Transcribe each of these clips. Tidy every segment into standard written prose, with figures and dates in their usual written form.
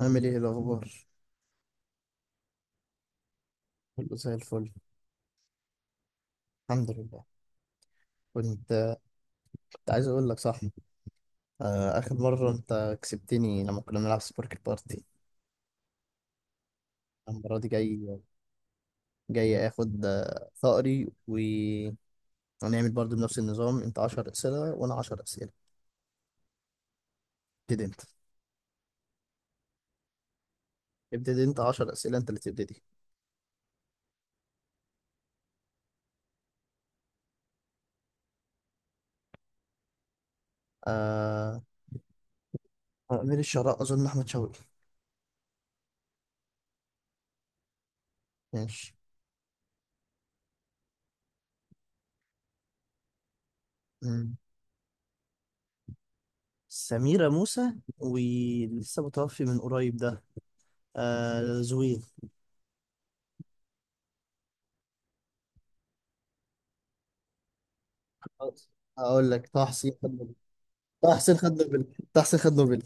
عامل ايه الاخبار؟ كله زي الفل. الحمد لله. كنت كنت عايز اقول لك صح. اخر مره انت كسبتني لما كنا بنلعب سبورك بارتي. المره دي جاي اخد ثأري ونعمل برضو بنفس النظام، انت 10 اسئله وانا 10 اسئله. ابتدي انت ابتدي انت 10 اسئله، انت اللي تبتدي. آه... امير الشراء اظن احمد شوقي. ماشي. مم. سميرة موسى. ولسه متوفي من قريب ده، زويل. هقول لك طه حسين. طه حسين خد نوبل. طه حسين خد نوبل.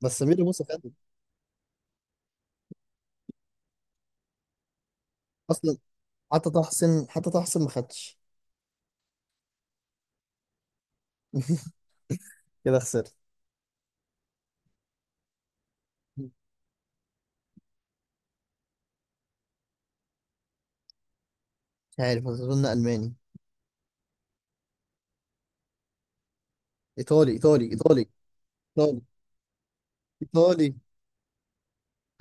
بس ميدو موسى خد اصلا. حتى طه حسين ما خدش. كده خسرت. مش عارف، اظن الماني. ايطالي ايطالي ايطالي ايطالي ايطالي.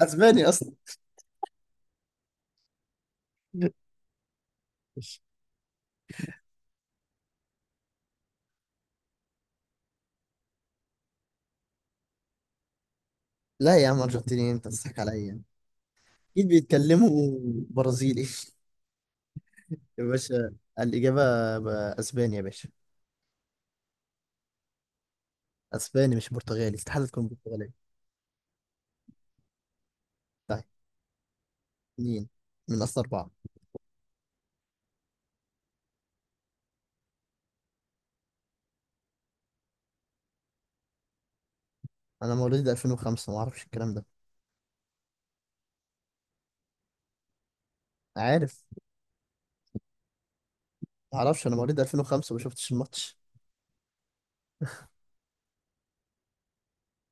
اسباني اصلا. لا يا عم، ارجنتيني؟ انت بتضحك عليا يعني. اكيد بيتكلموا برازيلي. يا باشا الاجابه ب- اسباني يا باشا. اسباني مش برتغالي، استحاله تكون برتغالي. طيب، مين من اصل اربعه؟ انا مواليد 2005، ما اعرفش الكلام ده. عارف. معرفش، انا مواليد 2005 ما شفتش الماتش.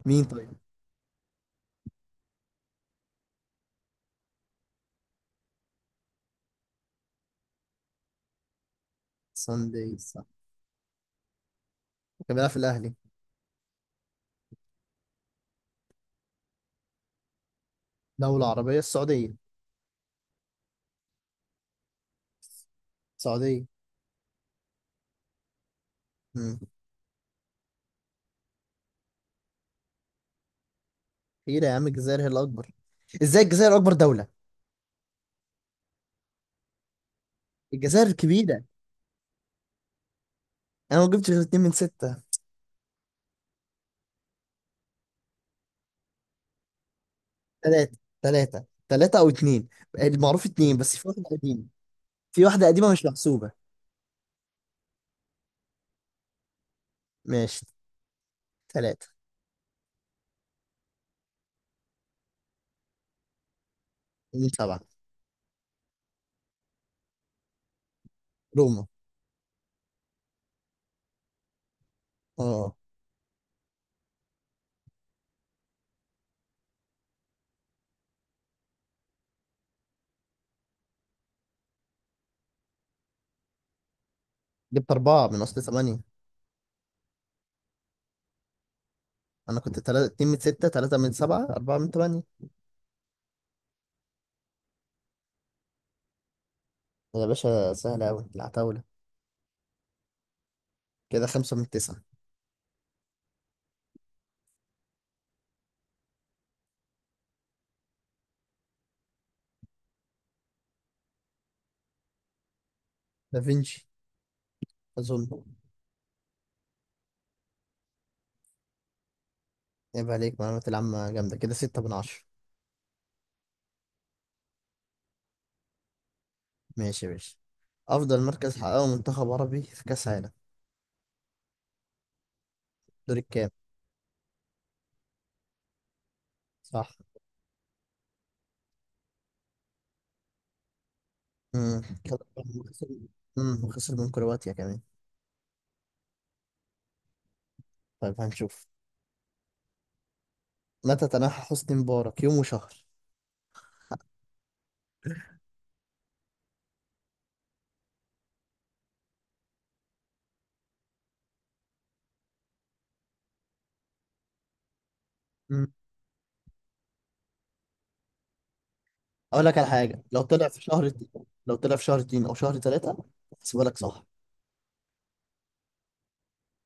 مين طيب؟ سان داي صح. كان بيلعب في الاهلي. دولة عربية، السعودية. السعودية. امم كبيرة يا عم، الجزائر هي الأكبر. ازاي الجزائر أكبر دولة؟ الجزائر كبيرة. أنا ما جبتش غير اتنين من ستة. تلاتة تلاتة تلاتة أو اتنين. المعروف اتنين، بس في واحدة قديمة. في واحدة قديمة مش محسوبة. ماشي. تلاتة. اتنين سبعة. روما. اه. جبت أربعة من أصل تمانية. أنا كنت تلاتة، اتنين من ستة، تلاتة من سبعة، أربعة من تمانية. يا باشا سهلة أوي العتاولة. كده خمسة من تسعة. دافنشي أظن. يبقى عليك معلومات العامة جامدة، كده ستة من عشرة. ماشي يا باشا. أفضل مركز حققه منتخب عربي في كأس عالم؟ دور الكام؟ صح. كده وخسر من كرواتيا كمان. طيب هنشوف. متى تنحى حسني مبارك، يوم وشهر؟ امم أقول لك على حاجة، لو طلع في شهر اتنين أو شهر تلاتة أحسبها لك صح.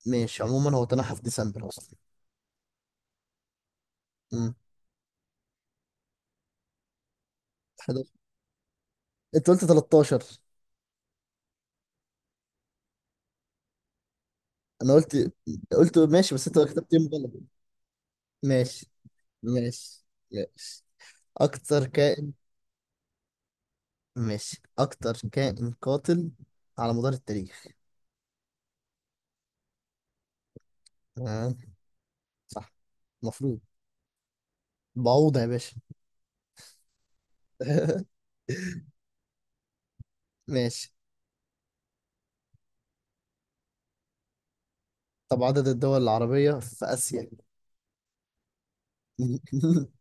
ماشي، عموما هو تنحى في ديسمبر أصلا. امم 11. أنت قلت 13. أنا قلت ماشي، بس أنت كتبت يوم غلط. ماشي ماشي ماشي. أكتر كائن ماشي، أكتر كائن قاتل على مدار التاريخ؟ آه. صح. المفروض بعوضة يا باشا. ماشي. طب عدد الدول العربية في آسيا؟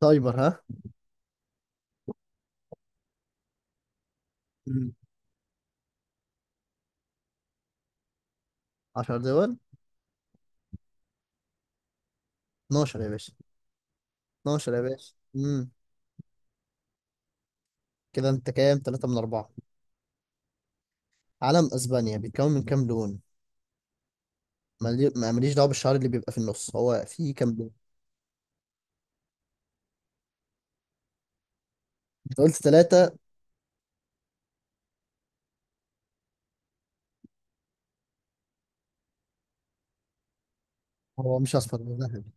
تايمر ها. مم. 10 دول. 12 يا باشا، 12 يا باشا. مم. كده أنت كام، تلاتة من أربعة. علم أسبانيا بيتكون من كام لون؟ ما ماليش دعوة بالشعر اللي بيبقى في النص، هو فيه كام لون؟ أنت قلت تلاتة. هو مش أصفر ده ذهبي.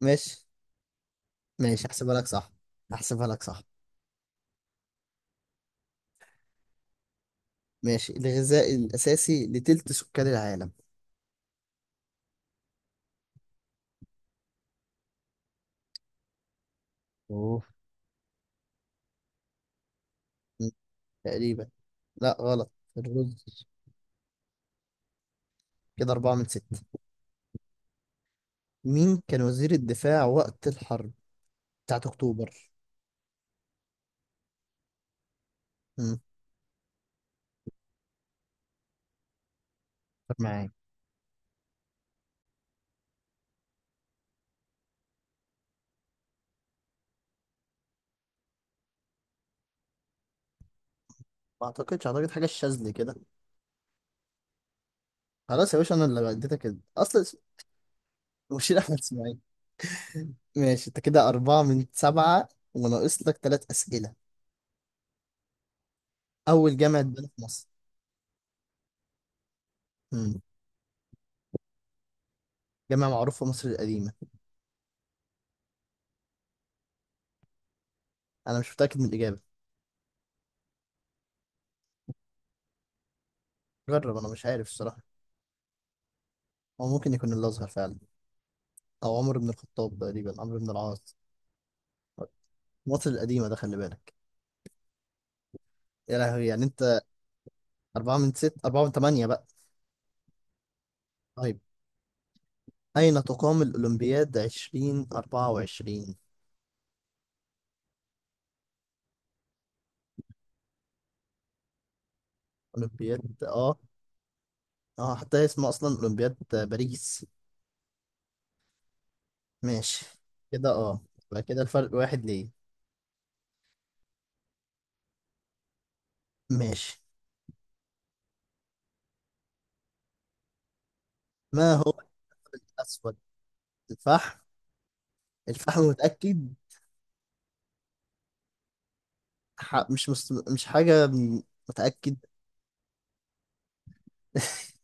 ماشي ماشي، احسبها لك صح. احسبها لك صح. ماشي. الغذاء الأساسي لتلت سكان العالم؟ اوف. م، تقريبا. لا غلط. الرز. كده أربعة من ستة. مين كان وزير الدفاع وقت الحرب بتاعت أكتوبر؟ م، معاك. ما أعتقدش، أعتقد حاجة الشاذلي كده. خلاص يا باشا، أنا اللي اديتك أصلا مشير أحمد إسماعيل. ماشي، أنت كده أربعة من سبعة، وناقص لك ثلاث أسئلة. أول جامعة اتبنت في مصر؟ م، جامعة معروفة في مصر القديمة. أنا مش متأكد من الإجابة. جرب، أنا مش عارف الصراحة. هو ممكن يكون اللي أصغر فعلا. أو عمر بن الخطاب، تقريبا عمرو بن العاص. مصر القديمة ده، خلي بالك. يا لهوي يعني أنت. أربعة من ست، أربعة من تمانية بقى. طيب، أين تقام الأولمبياد 2024؟ أولمبياد، أه أه حتى هي اسمها أصلا أولمبياد باريس. ماشي، كده يبقى كده الفرق واحد ليه. ماشي. ما هو؟ اللون الأسود، الفحم. الفحم متأكد. مش مش حاجة متأكد.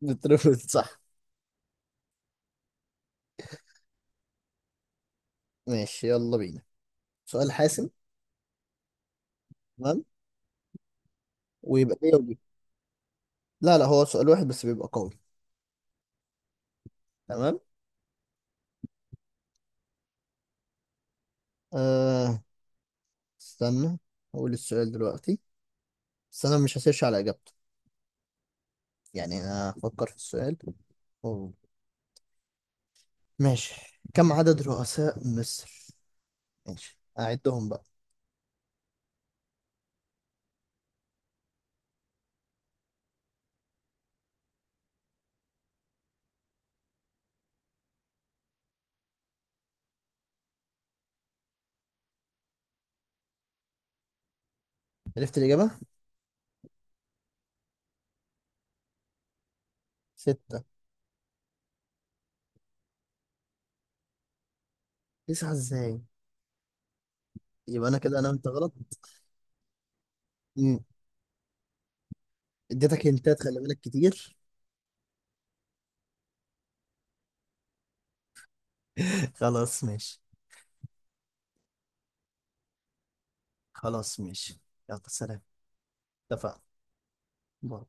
بترفض صح. ماشي، يلا بينا، سؤال حاسم. تمام، ويبقى دي ودي. لا لا، هو سؤال واحد بس بيبقى قوي. تمام. آه استنى، هقول السؤال دلوقتي. بس انا مش هسيرش على اجابته، يعني انا هفكر في السؤال. أوه. ماشي، كم عدد رؤساء مصر؟ ماشي، أعدهم بقى. عرفت الإجابة. ستة. تسعة إزاي؟ يبقى أنا كده نمت غلط. مم. اديتك هنتات، خلي بالك كتير. خلاص ماشي. خلاص ماشي. يلا سلام. اتفقنا. باي.